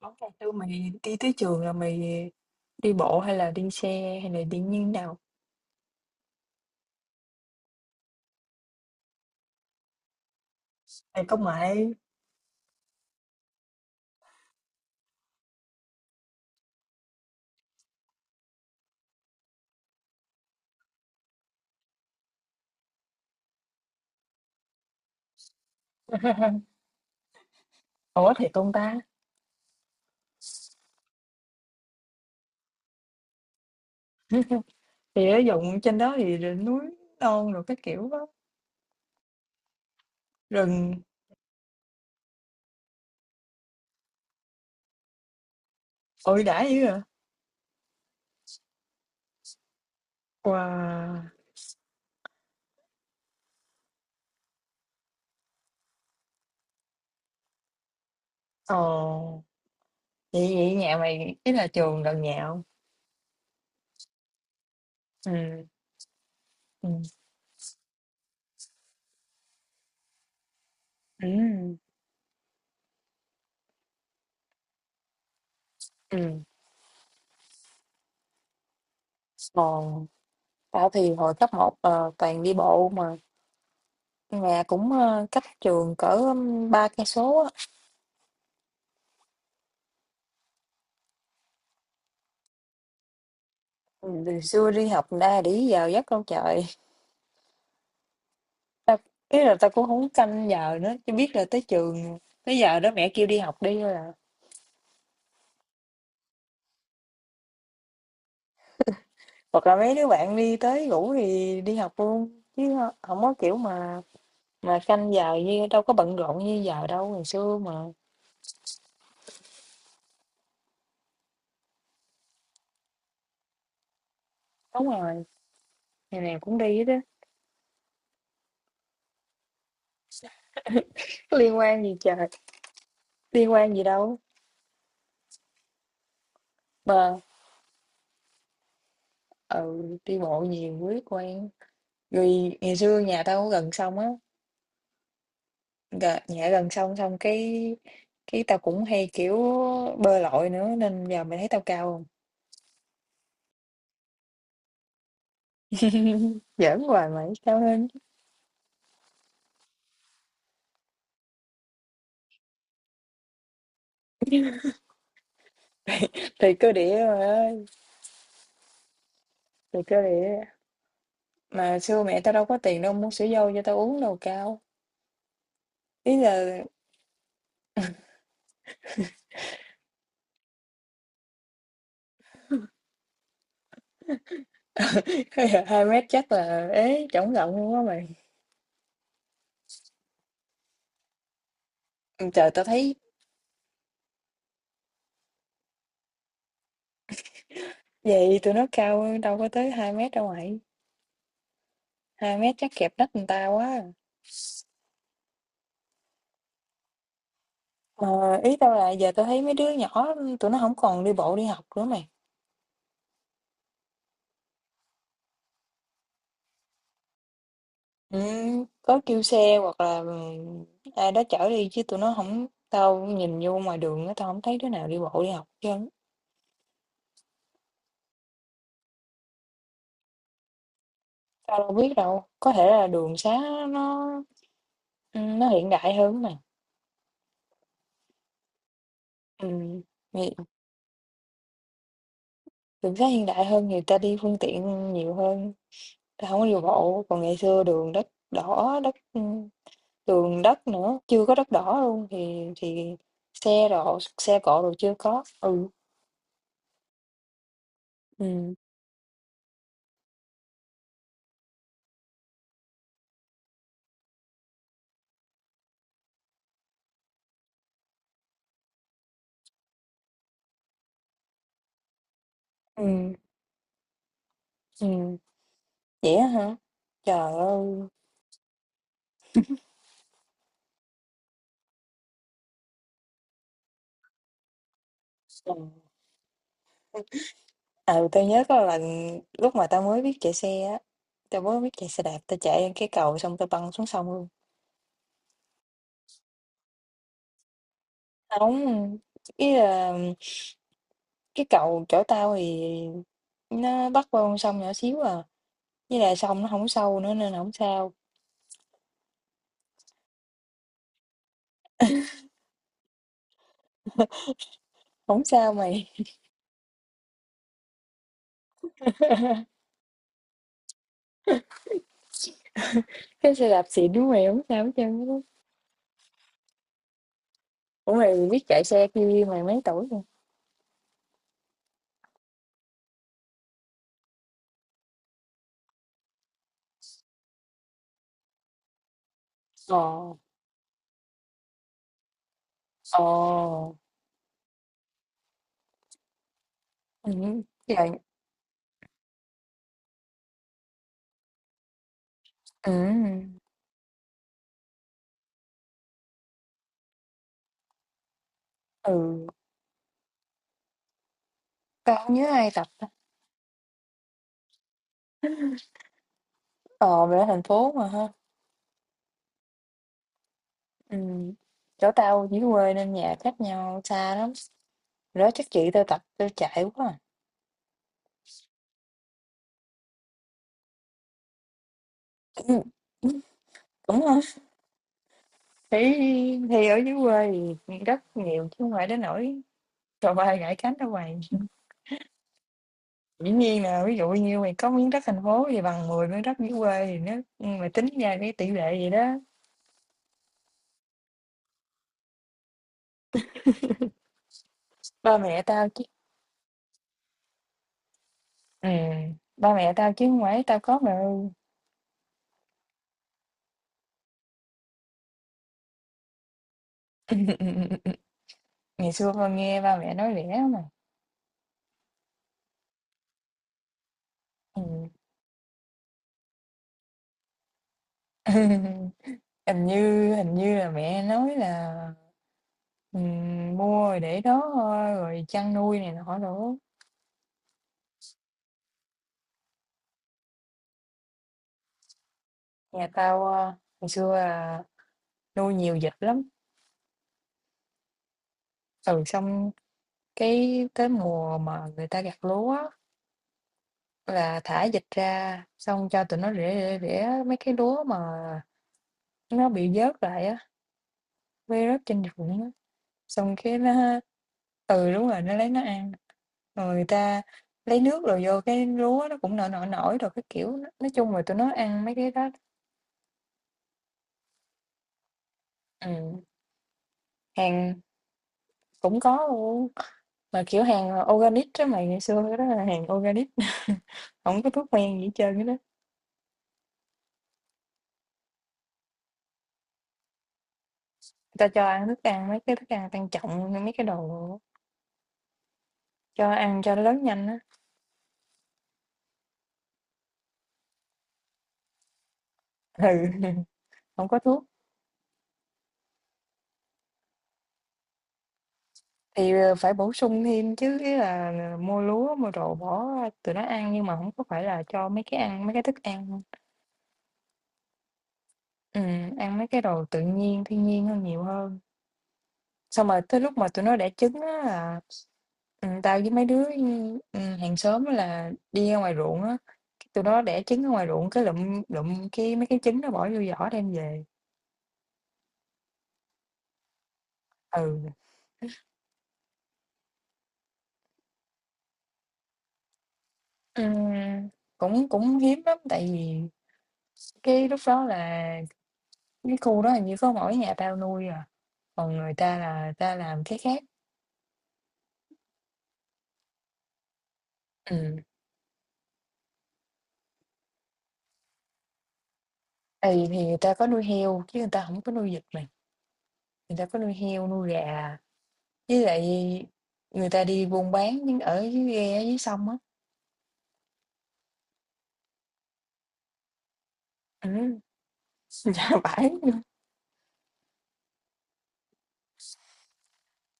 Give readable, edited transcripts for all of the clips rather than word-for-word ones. Món cà chua mày đi tới trường là mày đi bộ hay là đi xe hay là đi như thế nào? Thầy công nghệ. Ủa thiệt không ta? Thì ở dụng trên đó thì rồi núi non rồi cái kiểu đó. Rừng. Ôi đã dữ à. Wow. Ồ. Vậy vậy nhà mày ý là trường gần nhà không? Ừ. Ừ. Ừ. Ừ. Ồ. Tao thì hồi cấp 1 toàn đi bộ mà nhà cũng cách trường cỡ ba cây số á. Ừ, từ xưa đi học ra đi vào giấc đâu trời. Ta ý là ta cũng không canh giờ nữa, chỉ biết là tới trường, tới giờ đó mẹ kêu đi học đi thôi à. Hoặc là mấy đứa bạn đi tới ngủ thì đi học luôn chứ, không có kiểu mà canh giờ như đâu có bận rộn như giờ đâu, ngày xưa mà. Đúng rồi, ngày nào cũng đi hết á. Có liên quan gì trời, liên quan gì đâu mà. Ừ, đi bộ nhiều quý quen. Rồi ngày xưa nhà tao có gần sông á. Nhà gần sông, xong cái tao cũng hay kiểu bơi lội nữa nên giờ mày thấy tao cao không. Giỡn hoài mày sao hơn, thì cơ địa rồi ơi, thì cơ địa. Mà xưa mẹ tao đâu có tiền đâu mua sữa dâu cho tao uống đâu cao. Ý là hai mét chắc là ế chổng rộng luôn á mày. Trời tao thấy vậy tụi nó cao hơn, đâu có tới hai mét đâu mày. Hai mét chắc kẹp nách người ta quá. Mà ý tao là giờ tao thấy mấy đứa nhỏ tụi nó không còn đi bộ đi học nữa mày. Ừ, có kêu xe hoặc là ai đó chở đi chứ tụi nó không, tao nhìn vô ngoài đường á tao không thấy đứa nào đi bộ đi học chứ. Tao đâu biết đâu, có thể là đường xá nó, ừ, nó hiện đại hơn mà. Ừm, thì đường xá hiện đại hơn thì ta đi phương tiện nhiều hơn, ta hổng có đi bộ, còn ngày xưa đường đất đỏ, đất, đường đất nữa, chưa có đất đỏ luôn thì xe độ xe cộ đồ chưa có. Ừ, ừ, ừ. ừm, Vậy á hả? Trời ơi! Ừ. À, tao nhớ có lần lúc mà tao mới biết chạy xe á, tao mới biết chạy xe đạp, tao chạy lên cái cầu xong tao băng xuống sông luôn. Hông, ý là cái cầu chỗ tao thì nó bắt qua con sông nhỏ xíu à, với là sông nó không sâu nữa nên là không sao, không sao mày. Cái xe đạp xịn của mày không sao hết trơn á. Ủa, mày biết chạy xe kia mày mấy tuổi rồi? Ồ. Ồ. ừm, trời, ừm, ừ, Tao hông nhớ ai tập ta. Ờ, mày ở thành phố mà ha. ừm, Chỗ tao dưới quê nên nhà cách nhau xa lắm, hồi đó chắc chị tao tập tao chạy quá à. Ừ. Đúng rồi, thì thì ở dưới quê thì rất nhiều chứ không phải đến nỗi trời ơi gãy cánh đâu mày. Dĩ nhiên là ví dụ như mày có miếng đất thành phố thì bằng 10 miếng đất dưới quê thì nếu mà tính ra cái tỷ lệ gì đó. Ba mẹ tao chứ, ừ, ba mẹ tao chứ không phải tao có mà. Ngày xưa con nghe ba mẹ nói rẻ mà. Ừ. Hình như là mẹ nói là, ừ, mua rồi để đó thôi rồi chăn nuôi này nọ nữa. Nhà tao ngày xưa nuôi nhiều vịt lắm, ừ, xong cái tới mùa mà người ta gặt lúa á, là thả vịt ra, xong cho tụi nó rễ rễ rễ mấy cái lúa mà nó bị vớt lại á, vơi rớt trên ruộng á, xong cái nó, ừ, đúng rồi, nó lấy nó ăn. Rồi người ta lấy nước rồi vô cái lúa nó cũng nổi nổi nổi rồi cái kiểu, nói chung là tụi nó ăn mấy cái đó. Ừ, hàng cũng có luôn, mà kiểu hàng organic đó mày, ngày xưa đó là hàng organic, không có thuốc men gì hết trơn á. Ta cho ăn thức ăn mấy cái thức ăn tăng trọng, mấy cái đồ cho ăn cho nó lớn nhanh á. Ừ, hổng có thuốc. Thì, phải bổ sung thêm chứ, ý là mua lúa, mua đồ bỏ tụi nó ăn nhưng mà không có phải là cho mấy cái ăn mấy cái thức ăn, ăn mấy cái đồ tự nhiên, thiên nhiên hơn nhiều hơn. Xong rồi tới lúc mà tụi nó đẻ trứng á là, tao với mấy đứa, hàng xóm á là đi ra ngoài ruộng á, tụi nó đẻ trứng ở ngoài ruộng cái lụm lụm cái mấy cái trứng nó bỏ vô giỏ đem về. Ừ. Ừm, cũng cũng hiếm lắm, tại vì cái lúc đó là cái khu đó hình như có mỗi nhà tao nuôi à, còn người ta là ta làm cái khác. Ừm, Tại vì thì người ta có nuôi heo chứ người ta không có nuôi vịt mày, người ta có nuôi heo, nuôi gà, với lại người ta đi buôn bán ở dưới ghe, dưới sông á. Ừm, dạ vãi luôn,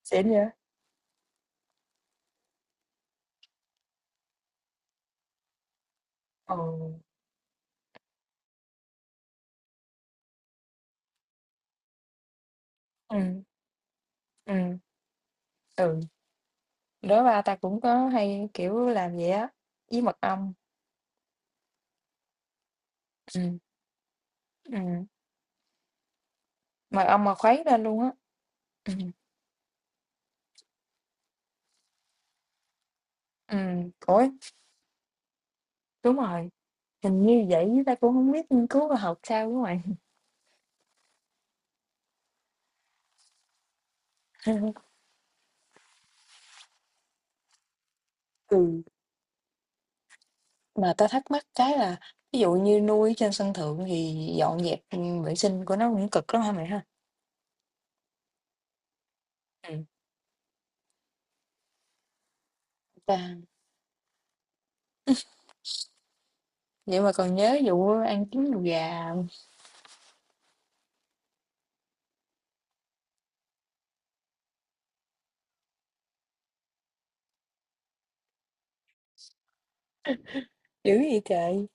xịn vậy. Ừ, ừm, ừm, ừ, đó ba ta cũng có hay, kiểu, làm vậy á, với ừm, ừm, mật ong mà khuấy lên luôn á. Ừm, ủa, đúng rồi, hình như vậy chứ ta cũng hổng biết nghiên cứu khoa học sao đúng hông bạn? Ừ, mà ta thắc mắc cái là ví dụ như nuôi ở trên sân thượng thì dọn dẹp, vệ sinh của nó cũng cực lắm hả mày ha? Ừm. Ta vậy mà còn nhớ vụ ăn trứng đùi gà hông? Dữ vậy trời!